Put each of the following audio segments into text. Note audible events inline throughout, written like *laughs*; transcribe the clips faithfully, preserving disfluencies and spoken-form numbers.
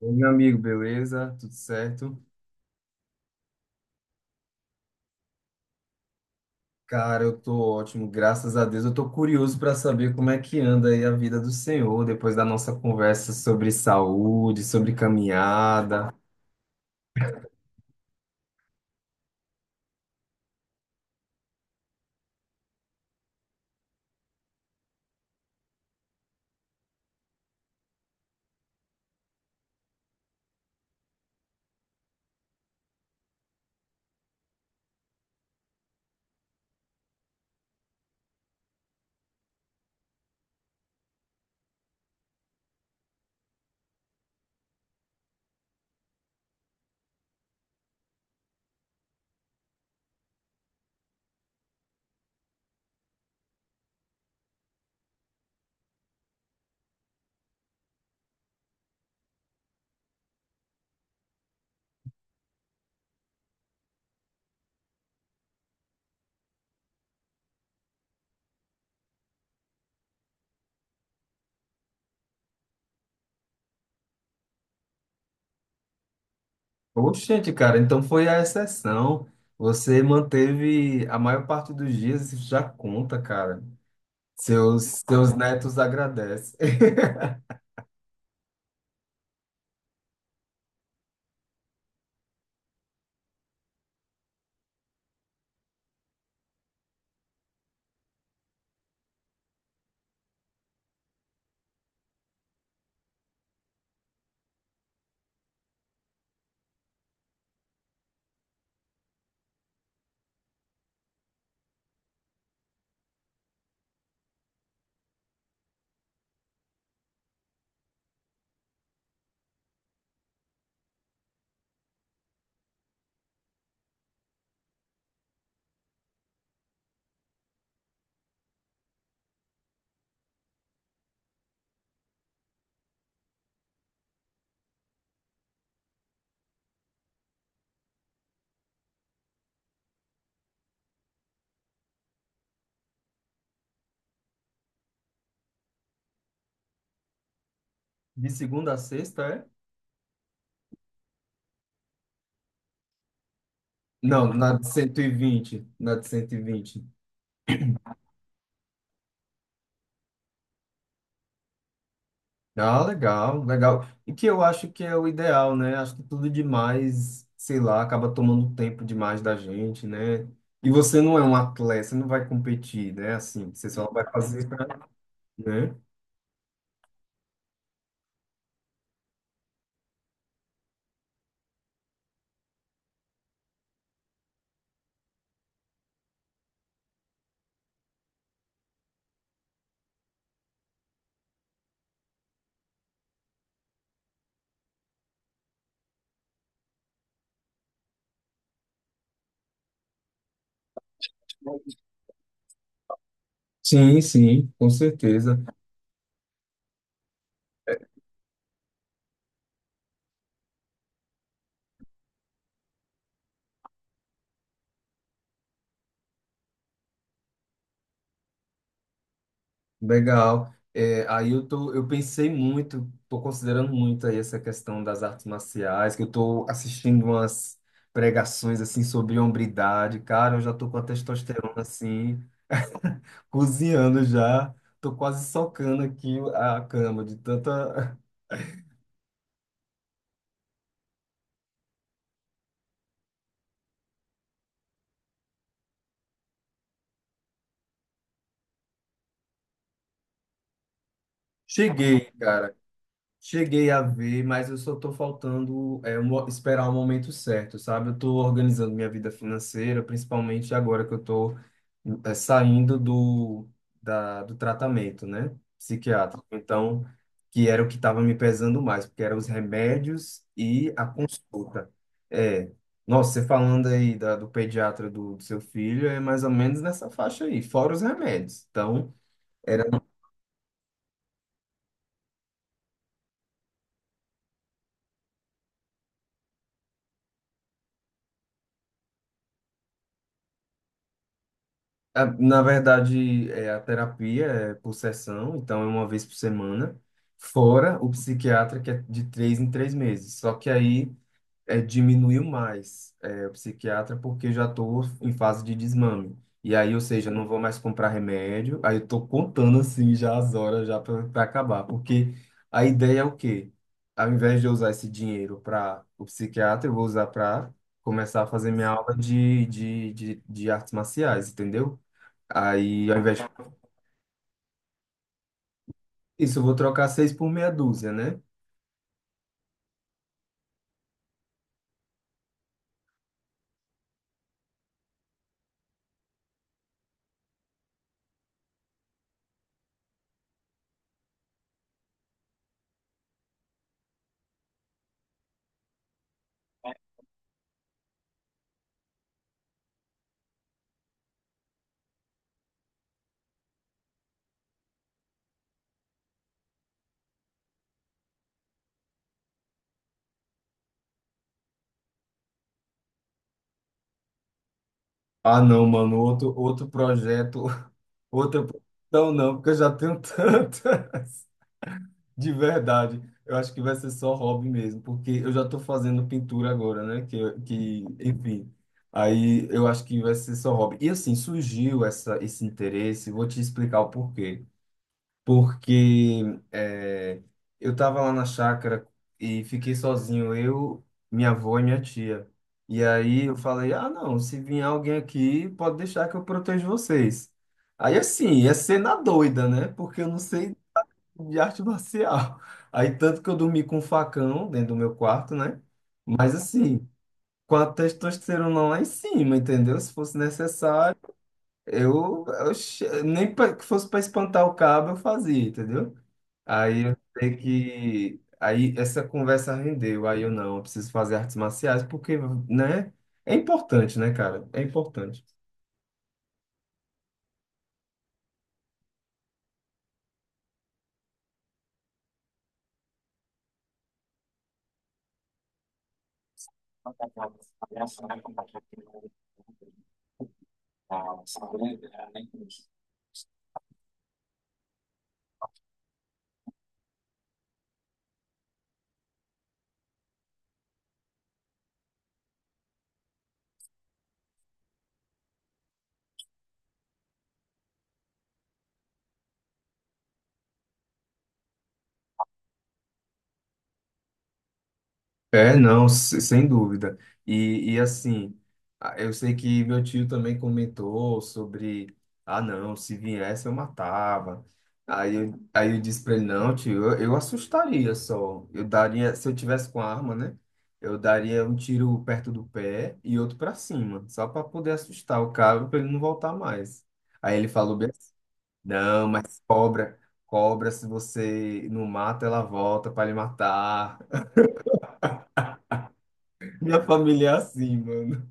Oi, meu amigo, beleza? Tudo certo? Cara, eu tô ótimo, graças a Deus. Eu tô curioso para saber como é que anda aí a vida do senhor depois da nossa conversa sobre saúde, sobre caminhada. Oxente, cara, então foi a exceção. Você manteve a maior parte dos dias, isso já conta, cara. Seus, seus netos agradecem. *laughs* De segunda a sexta, é? Não, na de cento e vinte, na de cento e vinte. Ah, legal, legal. E que eu acho que é o ideal, né? Acho que tudo demais, sei lá, acaba tomando tempo demais da gente, né? E você não é um atleta, você não vai competir, né? Assim, você só vai fazer, pra- né? Sim, sim, com certeza. Legal. É, aí eu tô, eu pensei muito, tô considerando muito aí essa questão das artes marciais, que eu tô assistindo umas pregações assim sobre hombridade, cara, eu já tô com a testosterona assim, cozinhando já. Tô quase socando aqui a cama de tanta. *laughs* Cheguei, cara. Cheguei a ver, mas eu só estou faltando é, mo- esperar o momento certo, sabe? Eu estou organizando minha vida financeira, principalmente agora que eu estou saindo do, da, do tratamento, né? Psiquiátrico. Então, que era o que estava me pesando mais, porque eram os remédios e a consulta. É, nossa, você falando aí da, do pediatra do, do seu filho, é mais ou menos nessa faixa aí, fora os remédios. Então, A- na verdade, é, a terapia é por sessão, então é uma vez por semana, fora o psiquiatra, que é de três em três meses. Só que aí é, diminuiu mais é, o psiquiatra, porque eu já estou em fase de desmame. E aí, ou seja, eu não vou mais comprar remédio, aí eu estou contando assim já as horas já para acabar. Porque a ideia é o quê? Ao invés de eu usar esse dinheiro para o psiquiatra, eu vou usar para começar a fazer minha aula de, de, de, de artes marciais, entendeu? Aí, ao invés de isso, eu vou trocar seis por meia dúzia, né? Ah, não, mano, outro, outro projeto, *laughs* outra. Não, não, porque eu já tenho tantas. *laughs* De verdade, eu acho que vai ser só hobby mesmo, porque eu já estou fazendo pintura agora, né? Que, que, enfim. Aí eu acho que vai ser só hobby. E assim, surgiu essa, esse interesse, vou te explicar o porquê. Porque é, eu estava lá na chácara e fiquei sozinho, eu, minha avó e minha tia. E aí eu falei, ah, não, se vir alguém aqui, pode deixar que eu protejo vocês. Aí assim, ia ser na doida, né? Porque eu não sei de arte *laughs* marcial. Aí tanto que eu dormi com um facão dentro do meu quarto, né? Mas assim, com a testosterona lá em cima, entendeu? Se fosse necessário. Eu, eu che- nem pra, que fosse para espantar o cabo eu fazia, entendeu? Aí eu sei que aí essa conversa rendeu, aí eu não, eu preciso fazer artes marciais porque, né? É importante, né, cara? É importante. É, não, se- sem dúvida. E, e assim, a- eu sei que meu tio também comentou sobre, ah, não, se viesse eu matava. Aí eu, aí eu disse pra ele, não, tio, eu, eu assustaria só. Eu daria, se eu tivesse com a arma, né? Eu daria um tiro perto do pé e outro pra cima, só pra poder assustar o cara, pra ele não voltar mais. Aí ele falou bem assim, não, mas cobra, cobra, se você não mata, ela volta pra lhe matar. Minha família é assim, mano.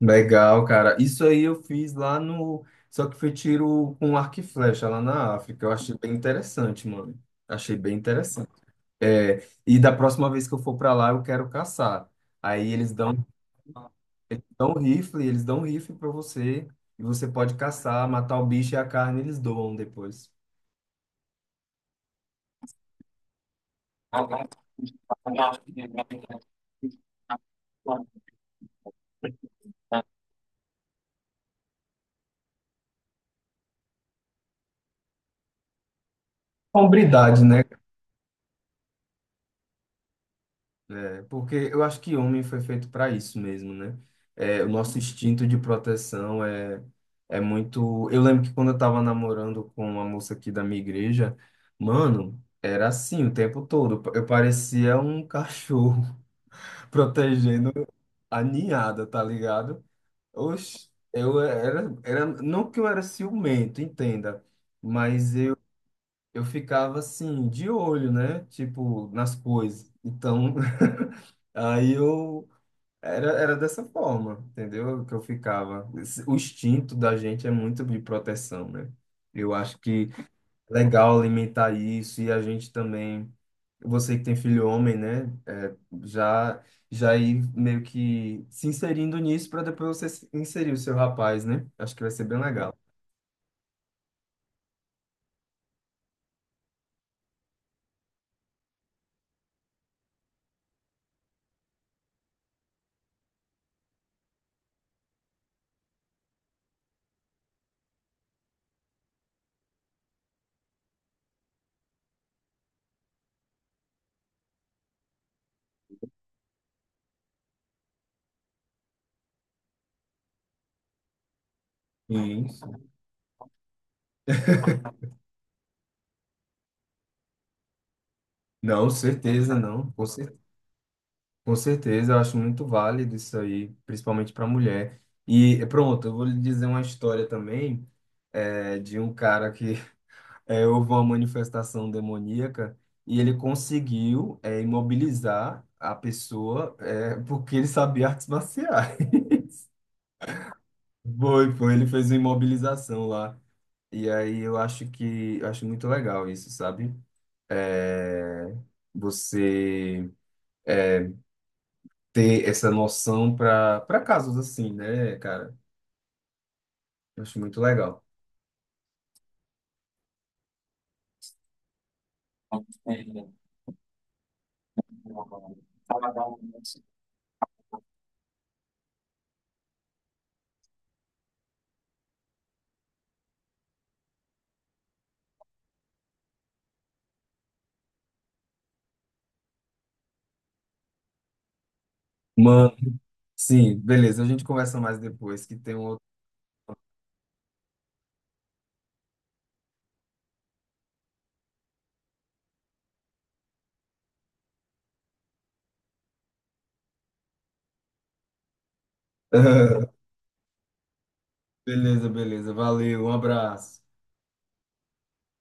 Legal, cara. Isso aí eu fiz lá no. Só que foi tiro com arco e flecha lá na África. Eu achei bem interessante, mano. Achei bem interessante. É, e da próxima vez que eu for pra lá, eu quero caçar. Aí eles dão, dão rifle, eles dão rifle pra você. E você pode caçar, matar o bicho e a carne eles doam depois. Hombridade, né? É. Porque eu acho que homem foi feito para isso mesmo, né? É, o nosso instinto de proteção é, é muito. Eu lembro que quando eu tava namorando com uma moça aqui da minha igreja, mano, era assim o tempo todo. Eu parecia um cachorro *laughs* protegendo a ninhada, tá ligado? Oxe, eu era, era. Não que eu era ciumento, entenda, mas eu, eu ficava assim, de olho, né? Tipo, nas coisas. Então, *laughs* aí eu. Era, era dessa forma, entendeu? Que eu ficava. Esse- O instinto da gente é muito de proteção, né? Eu acho que é legal alimentar isso e a gente também, você que tem filho homem, né? É, já, já ir meio que se inserindo nisso para depois você se- inserir o seu rapaz, né? Acho que vai ser bem legal. Isso. Não, certeza, não. Com cer- com certeza, eu acho muito válido isso aí, principalmente para mulher. E pronto, eu vou lhe dizer uma história também é, de um cara que *laughs* é, houve uma manifestação demoníaca e ele conseguiu é, imobilizar a pessoa é, porque ele sabia *laughs* artes marciais. Foi, foi, ele fez uma imobilização lá. E aí eu acho que eu acho muito legal isso, sabe? É, você ter essa noção para para casos assim, né, cara? Eu acho muito legal. Mano, sim, beleza, a gente conversa mais depois, que tem um outro. *laughs* Beleza, beleza. Valeu, um abraço.